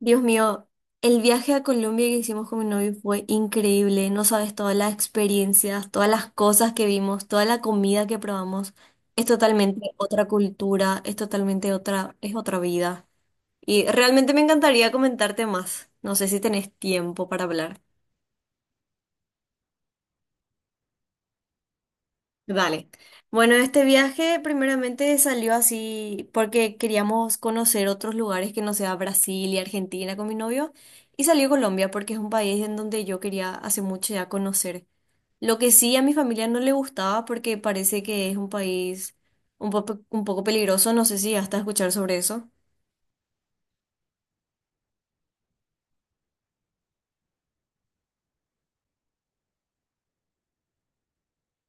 Dios mío, el viaje a Colombia que hicimos con mi novio fue increíble. No sabes todas las experiencias, todas las cosas que vimos, toda la comida que probamos. Es totalmente otra cultura, es totalmente otra, es otra vida. Y realmente me encantaría comentarte más. No sé si tenés tiempo para hablar. Dale. Bueno, este viaje primeramente salió así porque queríamos conocer otros lugares que no sea Brasil y Argentina con mi novio y salió Colombia porque es un país en donde yo quería hace mucho ya conocer. Lo que sí a mi familia no le gustaba porque parece que es un país un poco peligroso, no sé si hasta escuchar sobre eso.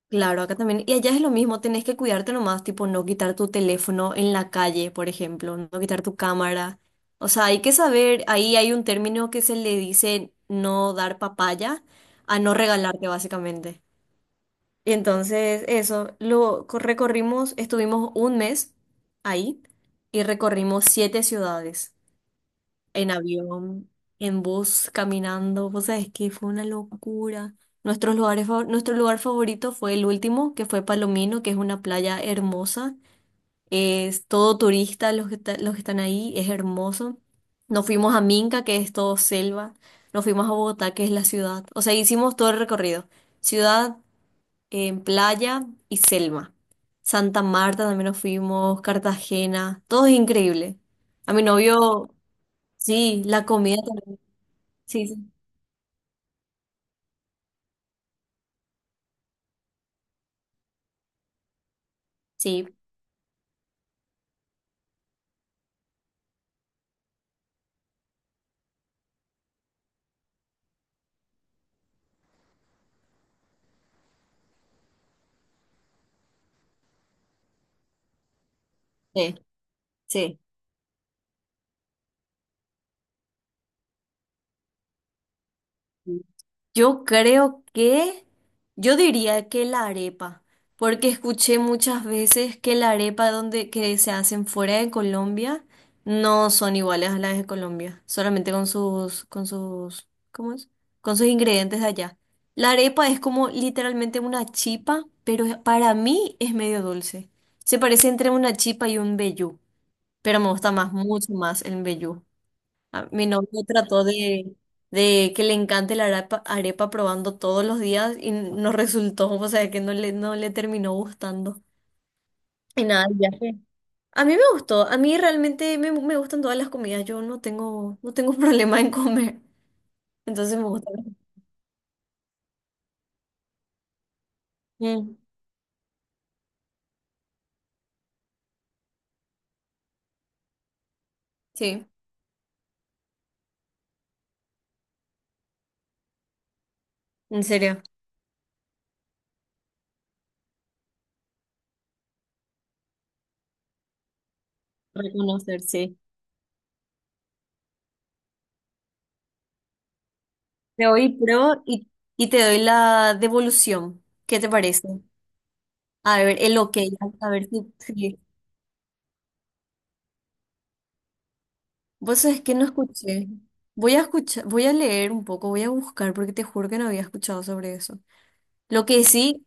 Claro, acá también. Y allá es lo mismo, tenés que cuidarte nomás, tipo no quitar tu teléfono en la calle, por ejemplo, no quitar tu cámara. O sea, hay que saber, ahí hay un término que se le dice no dar papaya a no regalarte, básicamente. Y entonces eso, recorrimos, estuvimos un mes ahí y recorrimos 7 ciudades en avión, en bus, caminando. Vos sabés que fue una locura. Nuestros lugares, nuestro lugar favorito fue el último, que fue Palomino, que es una playa hermosa. Es todo turista los que, los que están ahí, es hermoso. Nos fuimos a Minca, que es todo selva. Nos fuimos a Bogotá, que es la ciudad. O sea, hicimos todo el recorrido. Ciudad, en playa y selva. Santa Marta también nos fuimos, Cartagena, todo es increíble. A mi novio. Sí, la comida. Sí, sí, sí, sí, sí. Yo creo que, yo diría que la arepa, porque escuché muchas veces que la arepa donde que se hacen fuera de Colombia no son iguales a las de Colombia, solamente con sus, ¿cómo es? Con sus ingredientes de allá. La arepa es como literalmente una chipa, pero para mí es medio dulce. Se parece entre una chipa y un vellú, pero me gusta más, mucho más el vellú. Ah. Mi novio de que le encante la arepa, arepa probando todos los días y no resultó, o sea, que no le terminó gustando. Y nada, el viaje. A mí me gustó, a mí realmente me gustan todas las comidas, yo no tengo, no tengo problema en comer, entonces me gusta. Mm, sí, en serio, reconocer, sí. Te doy pro y te doy la devolución, ¿qué te parece? A ver, el ok, a ver si vos sabés que no escuché. Voy a escuchar, voy a leer un poco, voy a buscar porque te juro que no había escuchado sobre eso. Lo que sí,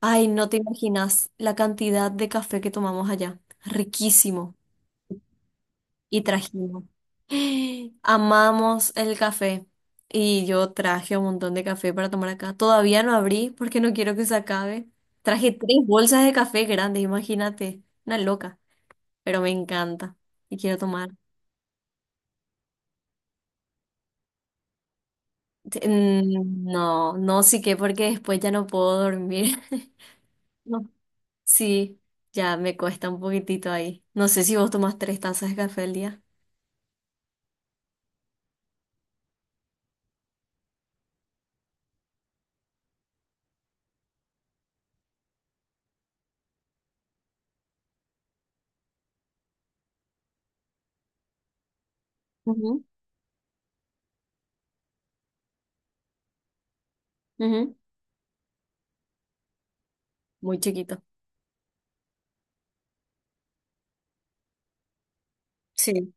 ay, no te imaginas la cantidad de café que tomamos allá. Riquísimo. Y trajimos. Amamos el café. Y yo traje un montón de café para tomar acá. Todavía no abrí porque no quiero que se acabe. Traje tres bolsas de café grandes, imagínate. Una loca. Pero me encanta. Y quiero tomar. Mm. No, no, sí que porque después ya no puedo dormir. No. Sí, ya me cuesta un poquitito ahí. No sé si vos tomás tres tazas de café al día. Ujú, ujú. Muy chiquito. Sí,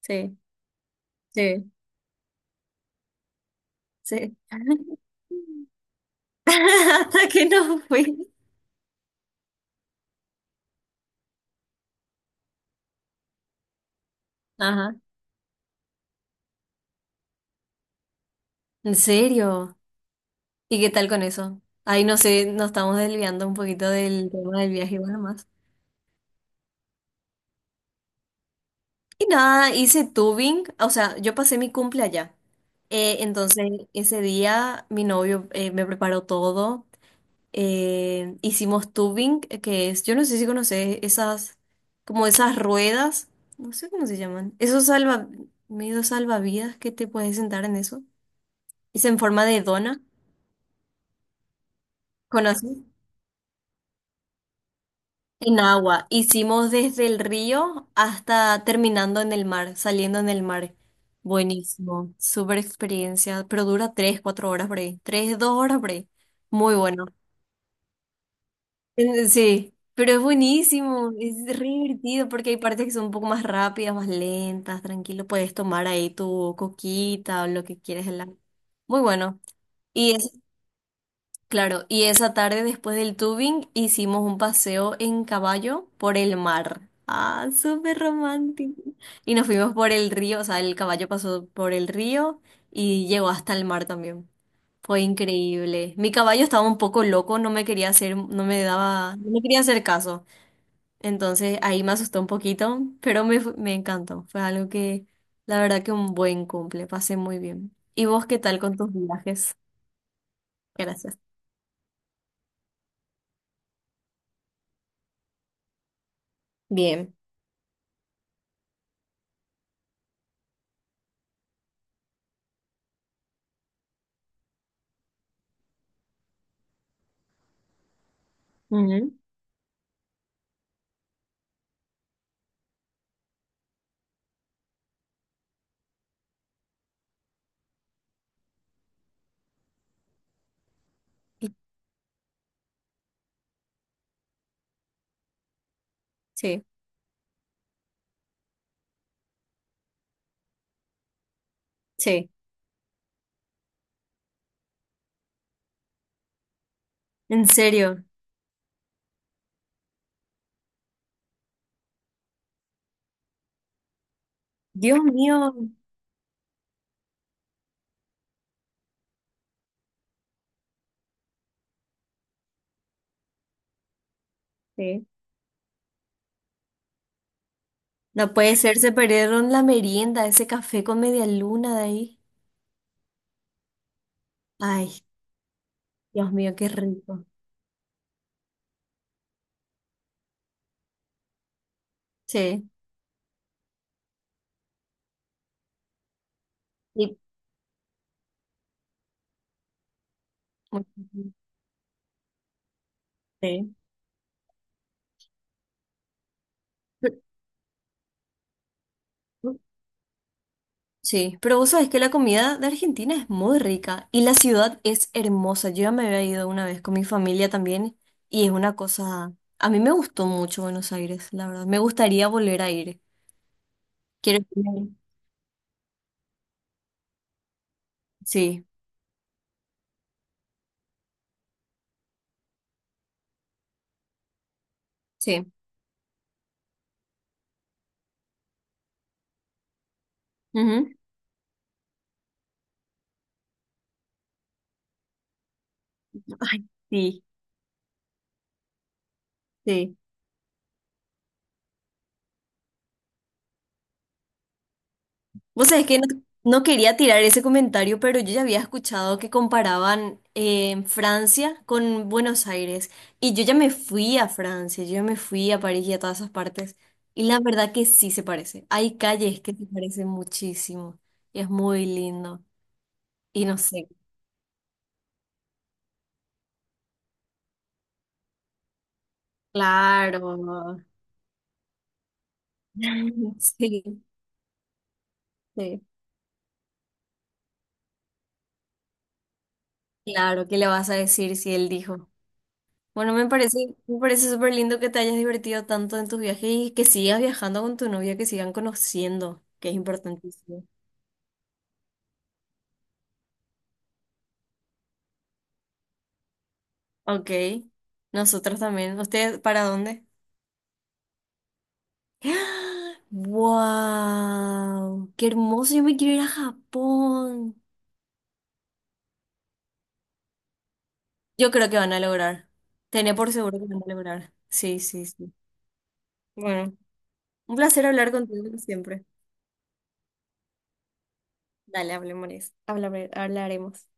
sí, sí, sí. Hasta que no fui. Ajá. ¿En serio? ¿Y qué tal con eso? Ahí no sé, nos estamos desviando un poquito del tema del viaje, bueno. Y nada, hice tubing, o sea, yo pasé mi cumple allá. Entonces, ese día mi novio me preparó todo. Hicimos tubing, que es, yo no sé si conoces esas, como esas ruedas, no sé cómo se llaman, esos salva, medio salvavidas que te puedes sentar en eso. Es en forma de dona, ¿conoces? En agua, hicimos desde el río hasta terminando en el mar, saliendo en el mar. Buenísimo, súper experiencia, pero dura tres, cuatro horas por ahí, tres, dos horas por ahí. Muy bueno. Sí, pero es buenísimo, es re divertido porque hay partes que son un poco más rápidas, más lentas, tranquilo, puedes tomar ahí tu coquita o lo que quieras. Muy bueno. Y es Claro, y esa tarde después del tubing hicimos un paseo en caballo por el mar. Ah, súper romántico. Y nos fuimos por el río, o sea, el caballo pasó por el río y llegó hasta el mar también. Fue increíble. Mi caballo estaba un poco loco, no me daba, no me quería hacer caso. Entonces ahí me asustó un poquito, pero me encantó. Fue algo que, la verdad que un buen cumple, pasé muy bien. ¿Y vos qué tal con tus viajes? Gracias. Bien. Sí, sí, en serio. Dios mío, sí. No puede ser, se perdieron la merienda, ese café con media luna de ahí. Ay, Dios mío, qué rico. Sí, y- sí. Pero... Sí, pero vos sabés que la comida de Argentina es muy rica y la ciudad es hermosa. Yo ya me había ido una vez con mi familia también y es una cosa... A mí me gustó mucho Buenos Aires, la verdad. Me gustaría volver a ir. Quiero... Sí, sí. Ujú. Ay, sí. Sí. Vos sabés que no quería tirar ese comentario, pero yo ya había escuchado que comparaban Francia con Buenos Aires. Y yo ya me fui a Francia, yo ya me fui a París y a todas esas partes. Y la verdad que sí se parece. Hay calles que se parecen muchísimo. Y es muy lindo. Y no sé. Claro. Sí, sí. Claro, ¿qué le vas a decir si él dijo? Bueno, me parece súper lindo que te hayas divertido tanto en tus viajes y que sigas viajando con tu novia, que sigan conociendo, que es importantísimo. Ok, nosotros también. ¿Ustedes para dónde? ¡Wow! ¡Qué hermoso! Yo me quiero ir a Japón. Yo creo que van a lograr. Tenía por seguro que van a lograr. Sí, sí, sí. Bueno, un placer hablar contigo como siempre. Dale, hablemos. Hablaremos.